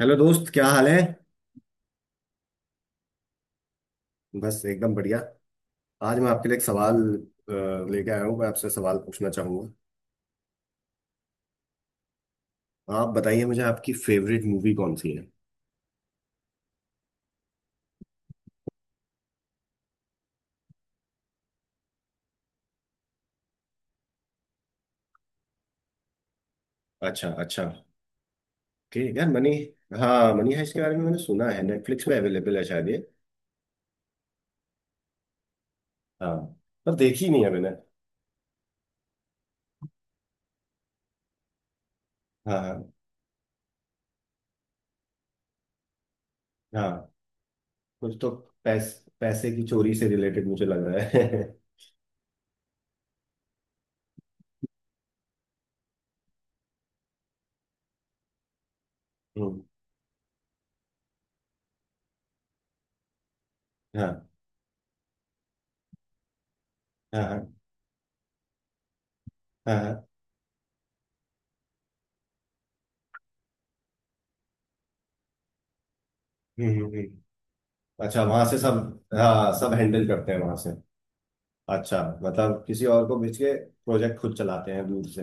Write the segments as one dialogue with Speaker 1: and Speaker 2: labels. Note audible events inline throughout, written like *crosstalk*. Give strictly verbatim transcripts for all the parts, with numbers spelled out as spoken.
Speaker 1: Hello दोस्त, क्या हाल है? बस एकदम बढ़िया। आज मैं आपके लिए एक सवाल अ, लेके आया हूँ। मैं आपसे सवाल पूछना चाहूंगा। आप बताइए मुझे आपकी फेवरेट मूवी कौन सी है? अच्छा, अच्छा। ठीक यार, मनी। हाँ, मनी हाइस्ट के बारे में मैंने सुना है। नेटफ्लिक्स पे अवेलेबल है शायद ये। हाँ। पर देखी नहीं है मैंने। हाँ, हाँ। हाँ, कुछ तो। पैस, पैसे की चोरी से रिलेटेड मुझे लग रहा है। *laughs* हम्म, हाँ, हाँ, हाँ, हाँ, हाँ, हम्म, हम्म, हम्म। अच्छा, वहां से सब। हाँ, सब हैंडल करते हैं वहां से। अच्छा, मतलब किसी और को बेच के प्रोजेक्ट खुद चलाते हैं दूर से।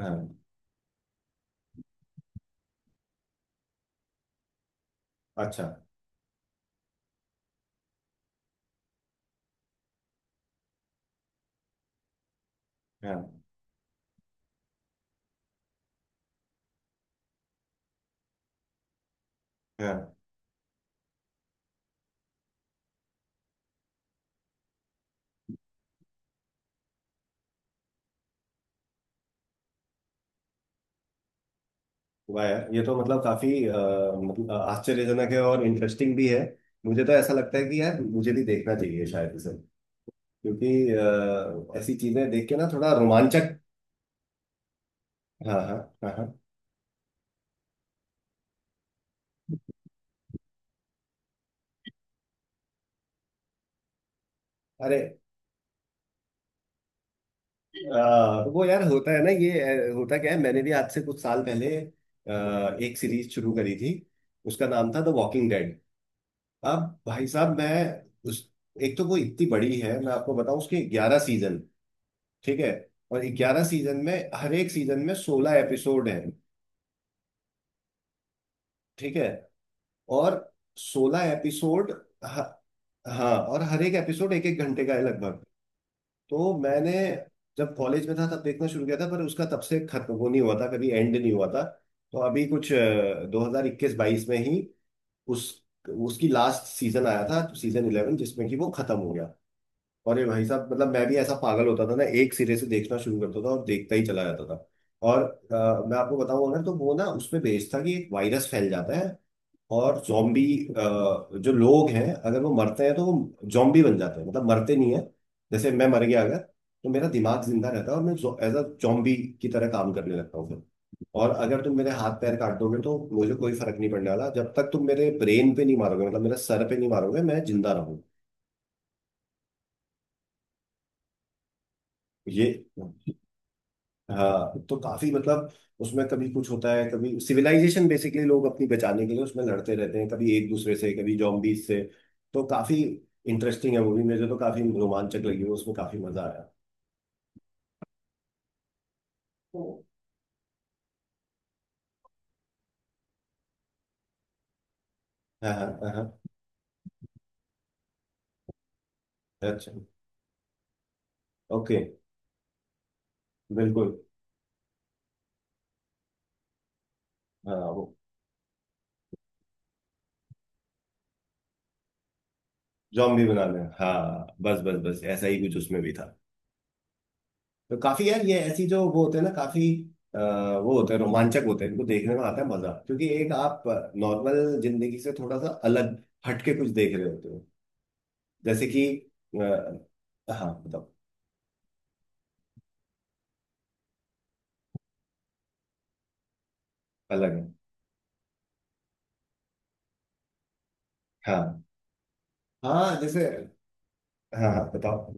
Speaker 1: हाँ। अच्छा। हाँ, हाँ। वाह यार, ये तो मतलब काफी अ, मतलब आश्चर्यजनक है और इंटरेस्टिंग भी है। मुझे तो ऐसा लगता है कि यार मुझे भी देखना चाहिए शायद इसे। क्योंकि अ, ऐसी चीजें देख के ना थोड़ा रोमांचक। हाँ, हाँ, हाँ, हाँ। अरे, अ, वो यार होता है ना ये। अ, होता क्या है, मैंने भी आज से कुछ साल पहले अ, एक सीरीज शुरू करी थी। उसका नाम था द वॉकिंग डेड। अब भाई साहब, मैं। उस। एक तो वो इतनी बड़ी है, मैं आपको बताऊं उसके ग्यारह सीजन। ठीक है। और ग्यारह सीजन में हर एक सीजन में सोलह एपिसोड है। ठीक है। और सोलह एपिसोड। हाँ, और हर एक एपिसोड एक एक घंटे का है लगभग। तो मैंने। जब कॉलेज में था तब देखना शुरू किया था, पर उसका तब से खत्म वो नहीं हुआ था, कभी एंड नहीं हुआ था। तो अभी कुछ दो हजार इक्कीस बाईस में ही। उस। उसकी लास्ट सीजन आया था, सीजन इलेवन, जिसमें कि वो खत्म हो गया। अरे भाई साहब, मतलब मैं भी ऐसा पागल होता था ना, एक सिरे से देखना शुरू करता था और देखता ही चला जाता था। और अ, मैं आपको बताऊं, अगर तो वो ना उसमें भेजता कि एक वायरस फैल जाता है। और जॉम्बी। जो लोग हैं अगर वो मरते हैं तो वो जॉम्बी बन जाते हैं, मतलब मरते नहीं है। जैसे मैं मर गया अगर तो मेरा दिमाग जिंदा रहता है और मैं एज अ जॉम्बी की तरह काम करने लगता हूँ फिर। और अगर तुम मेरे हाथ पैर काट दोगे तो मुझे कोई फर्क नहीं पड़ने वाला, जब तक तुम मेरे ब्रेन पे नहीं मारोगे मतलब मेरे सर पे नहीं मारोगे, मैं जिंदा रहूँ। ये। हाँ तो काफी मतलब। उसमें कभी कुछ होता है, कभी सिविलाइजेशन, बेसिकली लोग अपनी बचाने के लिए उसमें लड़ते रहते हैं, कभी एक दूसरे से कभी जॉम्बीज से। तो काफी इंटरेस्टिंग है मूवी, मुझे तो काफी रोमांचक लगी वो, उसमें काफी मजा आया। तो। हाँ, हाँ, हाँ। अच्छा। ओके। बिल्कुल। हाँ, वो जॉम्बी बनाने, हाँ, बस बस बस ऐसा ही कुछ उसमें भी था। तो काफी यार ये ऐसी जो वो होते हैं ना काफी। अ, वो होते हैं, रोमांचक होते हैं, इनको देखने में आता है मजा, क्योंकि एक आप। नॉर्मल जिंदगी से थोड़ा सा अलग, हटके कुछ देख रहे होते हो। जैसे कि। अ, हाँ, बताओ। अलग है। हाँ, हाँ, जैसे। हाँ, हाँ, बताओ।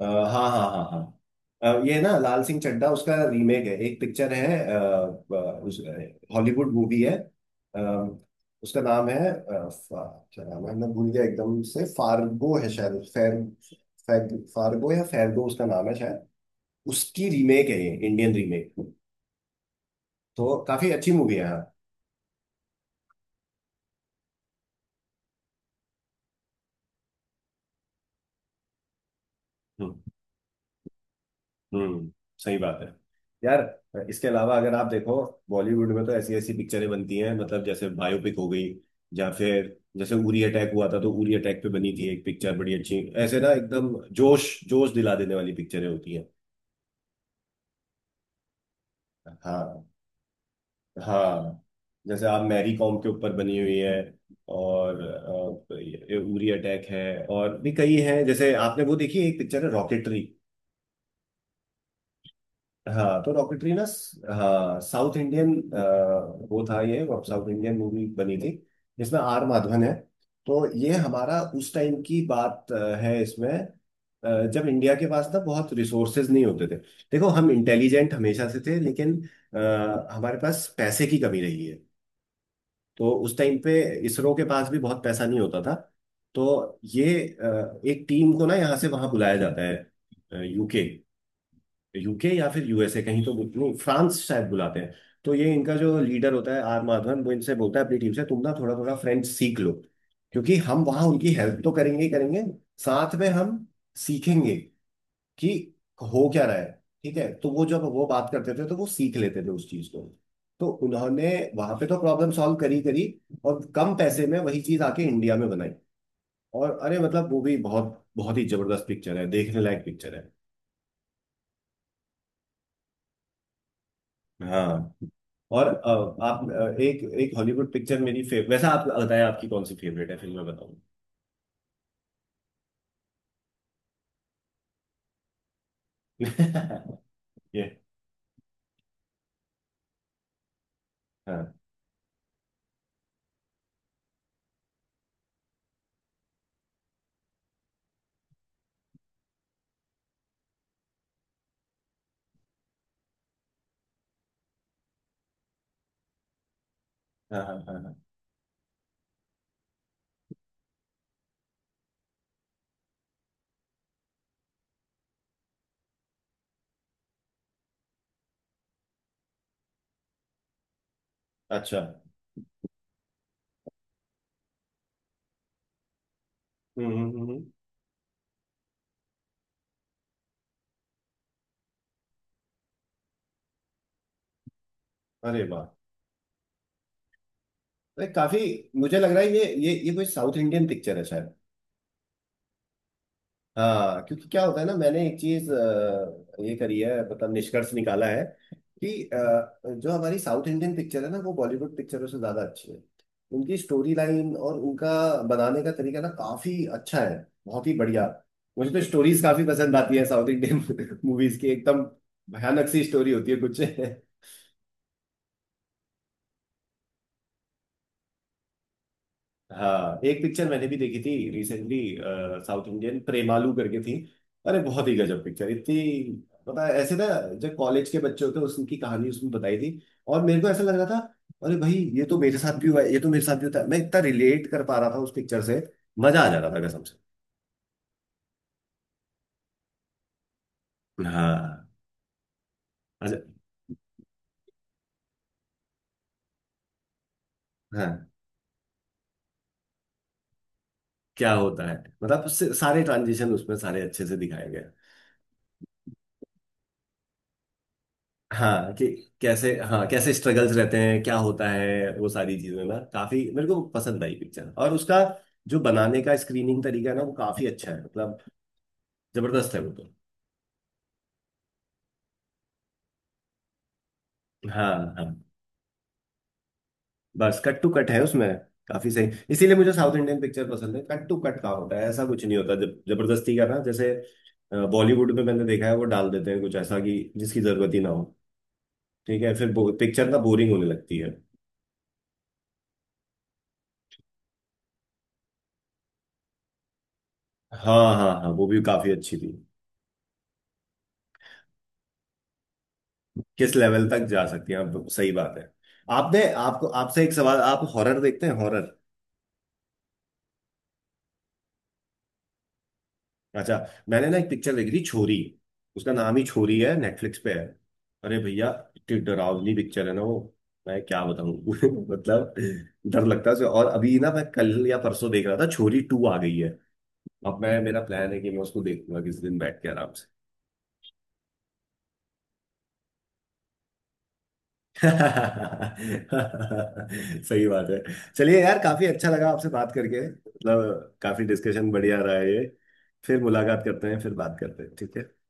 Speaker 1: अ, हाँ, हाँ, हाँ, हाँ, अ, ये ना लाल सिंह चड्ढा उसका रीमेक है, एक पिक्चर है। हॉलीवुड मूवी है। अ, उसका नाम है अ, फा- क्या नाम है, मैं भूल गया एकदम से, फार्गो है शायद फैर, फैर, फार्गो या फैर्गो उसका नाम है शायद। उसकी रीमेक है ये इंडियन रीमेक। तो काफी अच्छी मूवी है। हाँ। हम्म। सही बात है। यार इसके अलावा अगर आप देखो, बॉलीवुड में तो ऐसी ऐसी पिक्चरें बनती हैं, मतलब जैसे बायोपिक हो गई। या फिर जैसे उरी अटैक हुआ था, तो उरी अटैक पे बनी थी एक पिक्चर बड़ी अच्छी। ऐसे ना एकदम जोश जोश दिला देने वाली पिक्चरें होती हैं। हाँ। हाँ, जैसे आप मैरी कॉम के ऊपर बनी हुई है। और अ, ये उरी अटैक है। और भी कई हैं, जैसे आपने वो देखी है, एक पिक्चर है रॉकेटरी। हाँ, तो डॉक्यूमेंट्री ना। हाँ, साउथ इंडियन। वो था, ये साउथ इंडियन मूवी बनी थी। जिसमें आर माधवन है। तो ये हमारा उस टाइम की बात अ, है इसमें। अ, जब इंडिया के पास ना बहुत रिसोर्सेज नहीं होते थे। देखो हम इंटेलिजेंट हमेशा से थे, लेकिन अ, हमारे पास पैसे की कमी रही है। तो उस टाइम पे इसरो के पास भी बहुत पैसा नहीं होता था। तो ये अ, एक टीम को ना यहाँ से वहाँ बुलाया जाता है यू के। यू के या फिर यू एस ए, कहीं तो नहीं, फ्रांस शायद बुलाते हैं। तो ये इनका जो लीडर होता है आर माधवन, वो इनसे बोलता है अपनी टीम से, तुम ना थोड़ा थोड़ा फ्रेंच सीख लो, क्योंकि हम वहां उनकी हेल्प तो करेंगे ही करेंगे, साथ में हम सीखेंगे कि हो क्या रहा है। ठीक है, तो वो जब वो बात करते थे तो वो सीख लेते थे उस चीज को। तो उन्होंने वहां पे तो प्रॉब्लम सॉल्व करी करी, और कम पैसे में वही चीज आके इंडिया में बनाई। और अरे, मतलब वो भी बहुत बहुत ही जबरदस्त पिक्चर है, देखने लायक पिक्चर है। हाँ। और अ, आप अ, एक एक हॉलीवुड पिक्चर मेरी फेव वैसा आप बताएं, आपकी कौन सी फेवरेट है फिर मैं बताऊं। *laughs* ये। हाँ, हाँ, हाँ, हाँ, हाँ। अच्छा। हम्म, हम्म, हम्म, हम्म। अरे वाह। अरे काफी। मुझे लग रहा है ये ये ये कोई साउथ इंडियन पिक्चर है। हाँ, क्योंकि क्या होता है ना, मैंने एक चीज अ, ये करी है, मतलब निष्कर्ष निकाला है कि अ, जो हमारी साउथ इंडियन पिक्चर है ना, वो बॉलीवुड पिक्चरों से ज्यादा अच्छी है। उनकी स्टोरी लाइन और उनका बनाने का तरीका ना काफी अच्छा है, बहुत ही बढ़िया। मुझे तो स्टोरीज काफी पसंद आती है साउथ इंडियन *laughs* मूवीज की, एकदम भयानक सी स्टोरी होती है कुछ। *laughs* हाँ, एक पिक्चर मैंने भी देखी थी रिसेंटली, साउथ इंडियन प्रेमालू करके थी। अरे बहुत ही गजब पिक्चर, इतनी पता है ऐसे ना, जो कॉलेज के बच्चे होते हैं उनकी कहानी उसमें बताई थी। और मेरे को ऐसा लग रहा था अरे भाई, ये तो मेरे साथ भी हुआ है, ये तो मेरे साथ भी होता है, मैं इतना रिलेट कर पा रहा था उस पिक्चर से, मजा आ जा रहा था कसम से। हाँ। अच्छा। हाँ, क्या होता है, मतलब उससे सारे ट्रांजिशन उसमें सारे अच्छे से दिखाए गए। हाँ, कि कैसे, हाँ, कैसे स्ट्रगल्स रहते हैं क्या होता है, वो सारी चीजें ना काफी मेरे को पसंद आई पिक्चर, और उसका जो बनाने का स्क्रीनिंग तरीका है ना वो काफी अच्छा है, मतलब जबरदस्त है वो तो। हाँ, हाँ, बस कट टू कट है उसमें। काफी सही, इसीलिए मुझे साउथ इंडियन पिक्चर पसंद है, कट टू कट का होता है, ऐसा कुछ नहीं होता जब जबरदस्ती का ना, जैसे बॉलीवुड में मैंने देखा है वो डाल देते हैं कुछ ऐसा कि जिसकी जरूरत ही ना हो। ठीक है फिर पिक्चर ना बोरिंग होने लगती है। हाँ, हाँ, हाँ, वो भी काफी अच्छी थी। किस लेवल तक जा सकती है आप, सही बात है। आपने, आपको, आपसे एक सवाल, आप हॉरर देखते हैं हॉरर? अच्छा। मैंने ना एक पिक्चर देखी थी छोरी, उसका नाम ही छोरी है, नेटफ्लिक्स पे है। अरे भैया, इतनी डरावनी पिक्चर है ना वो, मैं क्या बताऊं *laughs* मतलब डर लगता है उसे। और अभी ना मैं कल या परसों देख रहा था, छोरी टू आ गई है, अब मैं, मेरा प्लान है कि मैं उसको देखूंगा किस दिन बैठ के आराम से। *laughs* सही बात है। चलिए यार, काफी अच्छा लगा आपसे बात करके, मतलब काफी डिस्कशन बढ़िया रहा है ये। फिर मुलाकात करते हैं, फिर बात करते हैं, ठीक है।